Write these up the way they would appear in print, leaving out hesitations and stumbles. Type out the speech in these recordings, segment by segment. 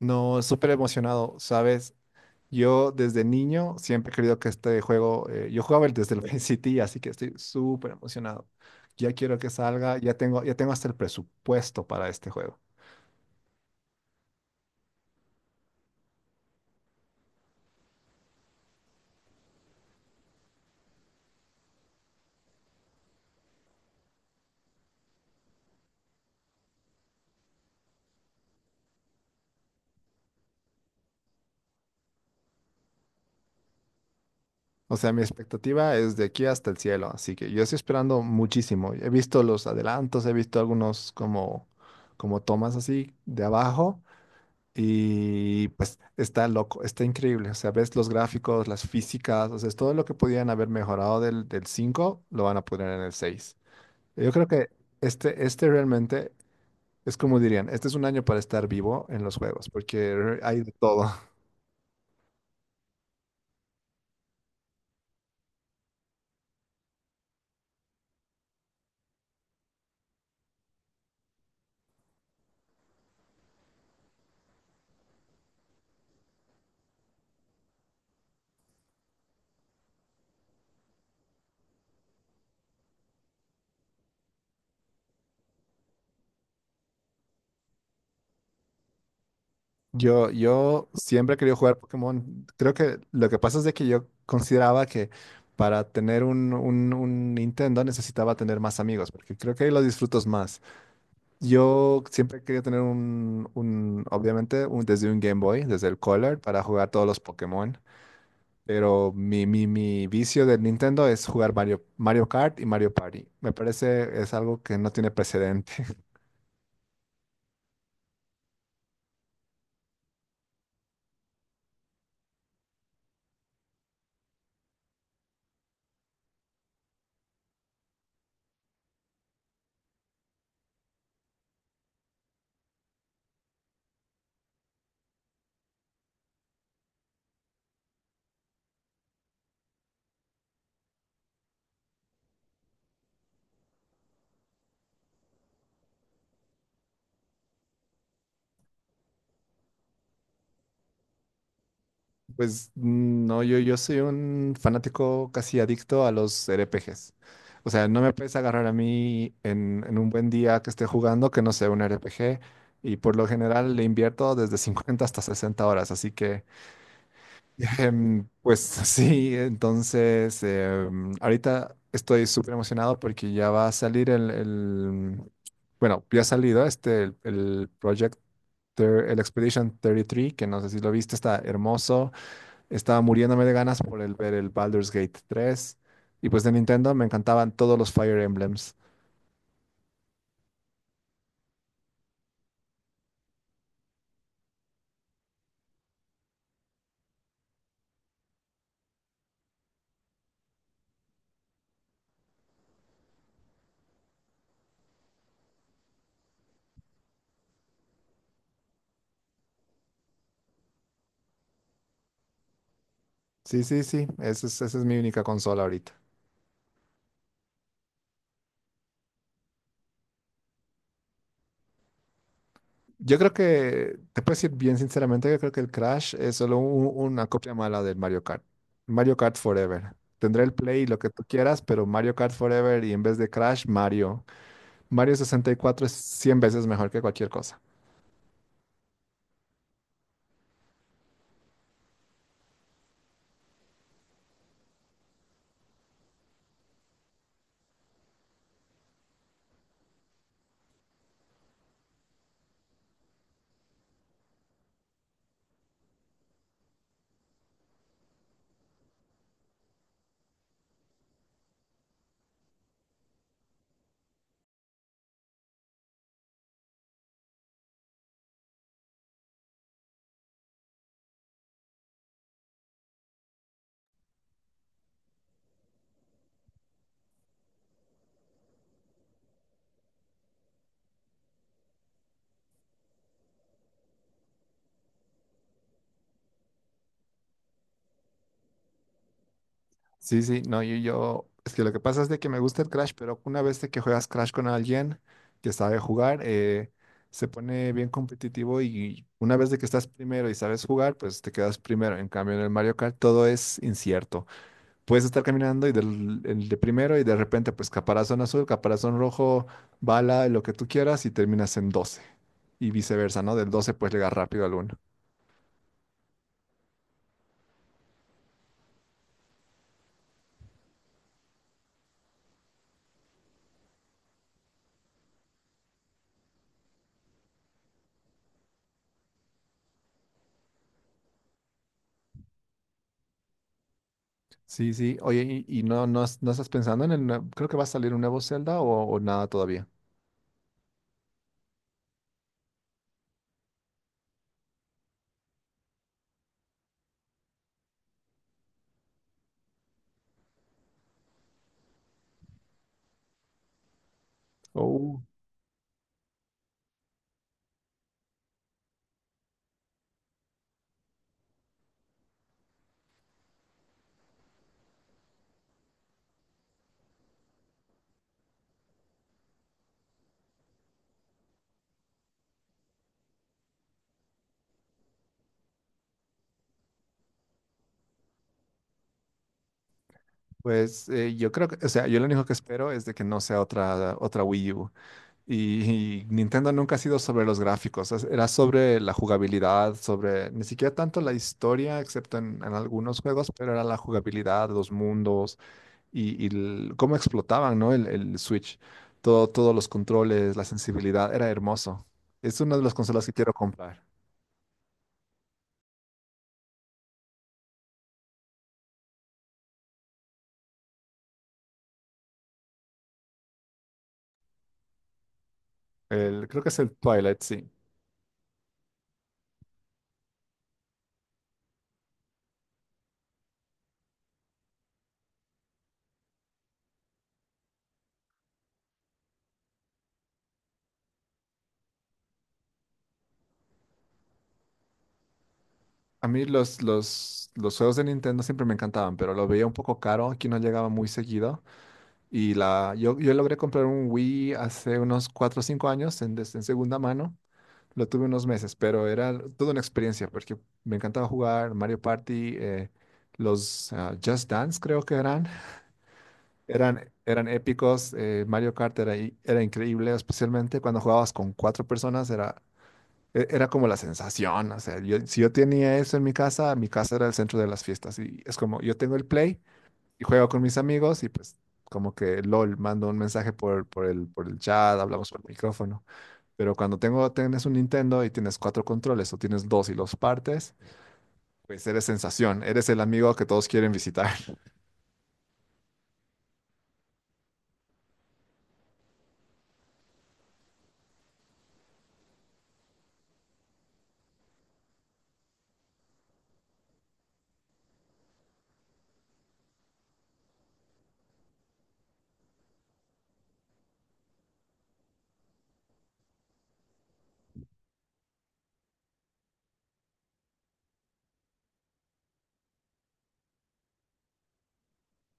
No, súper emocionado, ¿sabes? Yo desde niño siempre he querido que este juego, yo jugaba el desde el Vice City, así que estoy súper emocionado. Ya quiero que salga, ya tengo hasta el presupuesto para este juego. O sea, mi expectativa es de aquí hasta el cielo, así que yo estoy esperando muchísimo. He visto los adelantos, he visto algunos como tomas así de abajo. Y pues está loco, está increíble. O sea, ves los gráficos, las físicas, o sea, es todo lo que podían haber mejorado del 5 lo van a poner en el seis. Yo creo que este realmente es como dirían, este es un año para estar vivo en los juegos, porque hay de todo. Yo siempre he querido jugar Pokémon. Creo que lo que pasa es de que yo consideraba que para tener un Nintendo necesitaba tener más amigos, porque creo que ahí lo disfrutas más. Yo siempre quería tener desde un Game Boy, desde el Color, para jugar todos los Pokémon. Pero mi vicio del Nintendo es jugar Mario, Mario Kart y Mario Party. Me parece es algo que no tiene precedente. Pues no, yo soy un fanático casi adicto a los RPGs. O sea, no me puedes agarrar a mí en un buen día que esté jugando que no sea un RPG. Y por lo general le invierto desde 50 hasta 60 horas. Así que... Pues sí, entonces ahorita estoy súper emocionado porque ya va a salir bueno, ya ha salido este, el Project, el Expedition 33, que no sé si lo viste, está hermoso. Estaba muriéndome de ganas por ver el Baldur's Gate tres. Y pues de Nintendo me encantaban todos los Fire Emblems. Sí, sí, sí, esa es mi única consola ahorita. Yo creo que, te puedo decir bien sinceramente, yo creo que el Crash es solo una copia mala del Mario Kart. Mario Kart Forever. Tendré el Play y lo que tú quieras, pero Mario Kart Forever y en vez de Crash, Mario. Mario 64 es 100 veces mejor que cualquier cosa. Sí, sí, no, es que lo que pasa es de que me gusta el Crash, pero una vez de que juegas Crash con alguien que sabe jugar, se pone bien competitivo y una vez de que estás primero y sabes jugar, pues te quedas primero. En cambio, en el Mario Kart todo es incierto. Puedes estar caminando y del el de primero y de repente pues caparazón azul, caparazón rojo, bala, lo que tú quieras y terminas en doce. Y viceversa, ¿no? Del 12 puedes llegar rápido al uno. Sí, sí. Oye, ¿ no estás pensando en el creo que va a salir un nuevo Zelda o nada todavía. Oh. Pues yo creo que, o sea, yo lo único que espero es de que no sea otra Wii U. Y, y Nintendo nunca ha sido sobre los gráficos, era sobre la jugabilidad, sobre ni siquiera tanto la historia, excepto en algunos juegos, pero era la jugabilidad, los mundos y cómo explotaban, ¿no? El Switch, todo, todos los controles, la sensibilidad, era hermoso. Es una de las consolas que quiero comprar. El, creo que es el Twilight, sí. A mí los juegos de Nintendo siempre me encantaban, pero lo veía un poco caro, aquí no llegaba muy seguido. Y la, yo logré comprar un Wii hace unos 4 o 5 años en segunda mano. Lo tuve unos meses, pero era toda una experiencia porque me encantaba jugar Mario Party, los Just Dance creo que eran. Eran épicos. Mario Kart era, era increíble, especialmente cuando jugabas con cuatro personas. Era, era como la sensación. O sea, si yo tenía eso en mi casa era el centro de las fiestas. Y es como, yo tengo el Play y juego con mis amigos y pues como que LOL, mando un mensaje por por el chat, hablamos por el micrófono. Pero cuando tienes un Nintendo y tienes cuatro controles o tienes dos y los partes, pues eres sensación, eres el amigo que todos quieren visitar.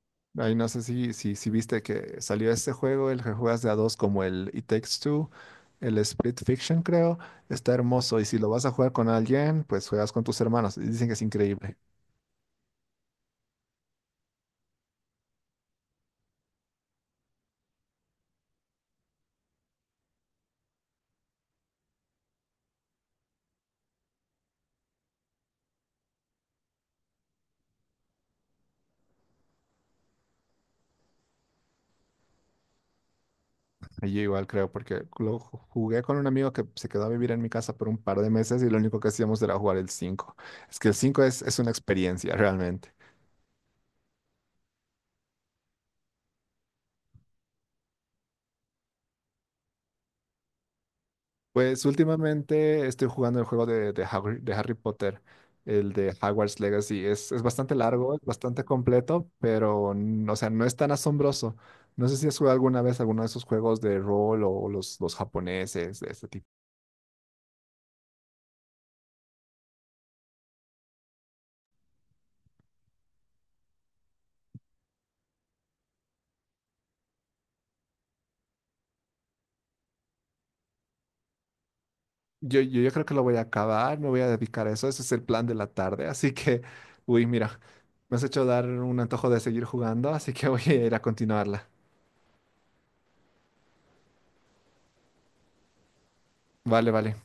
Ahí no sé si viste que salió este juego, el que juegas de a dos como el It Takes Two, el Split Fiction creo, está hermoso y si lo vas a jugar con alguien, pues juegas con tus hermanos. Y dicen que es increíble. Yo igual creo, porque lo jugué con un amigo que se quedó a vivir en mi casa por un par de meses y lo único que hacíamos era jugar el cinco. Es que el 5 es una experiencia realmente. Pues últimamente estoy jugando el juego de de Harry Potter, el de Hogwarts Legacy. Es bastante largo, es bastante completo, pero o sea, no es tan asombroso. No sé si has jugado alguna vez alguno de esos juegos de rol o los japoneses de este tipo. Yo creo que lo voy a acabar, me voy a dedicar a eso. Ese es el plan de la tarde, así que... Uy, mira, me has hecho dar un antojo de seguir jugando, así que voy a ir a continuarla. Vale, vale.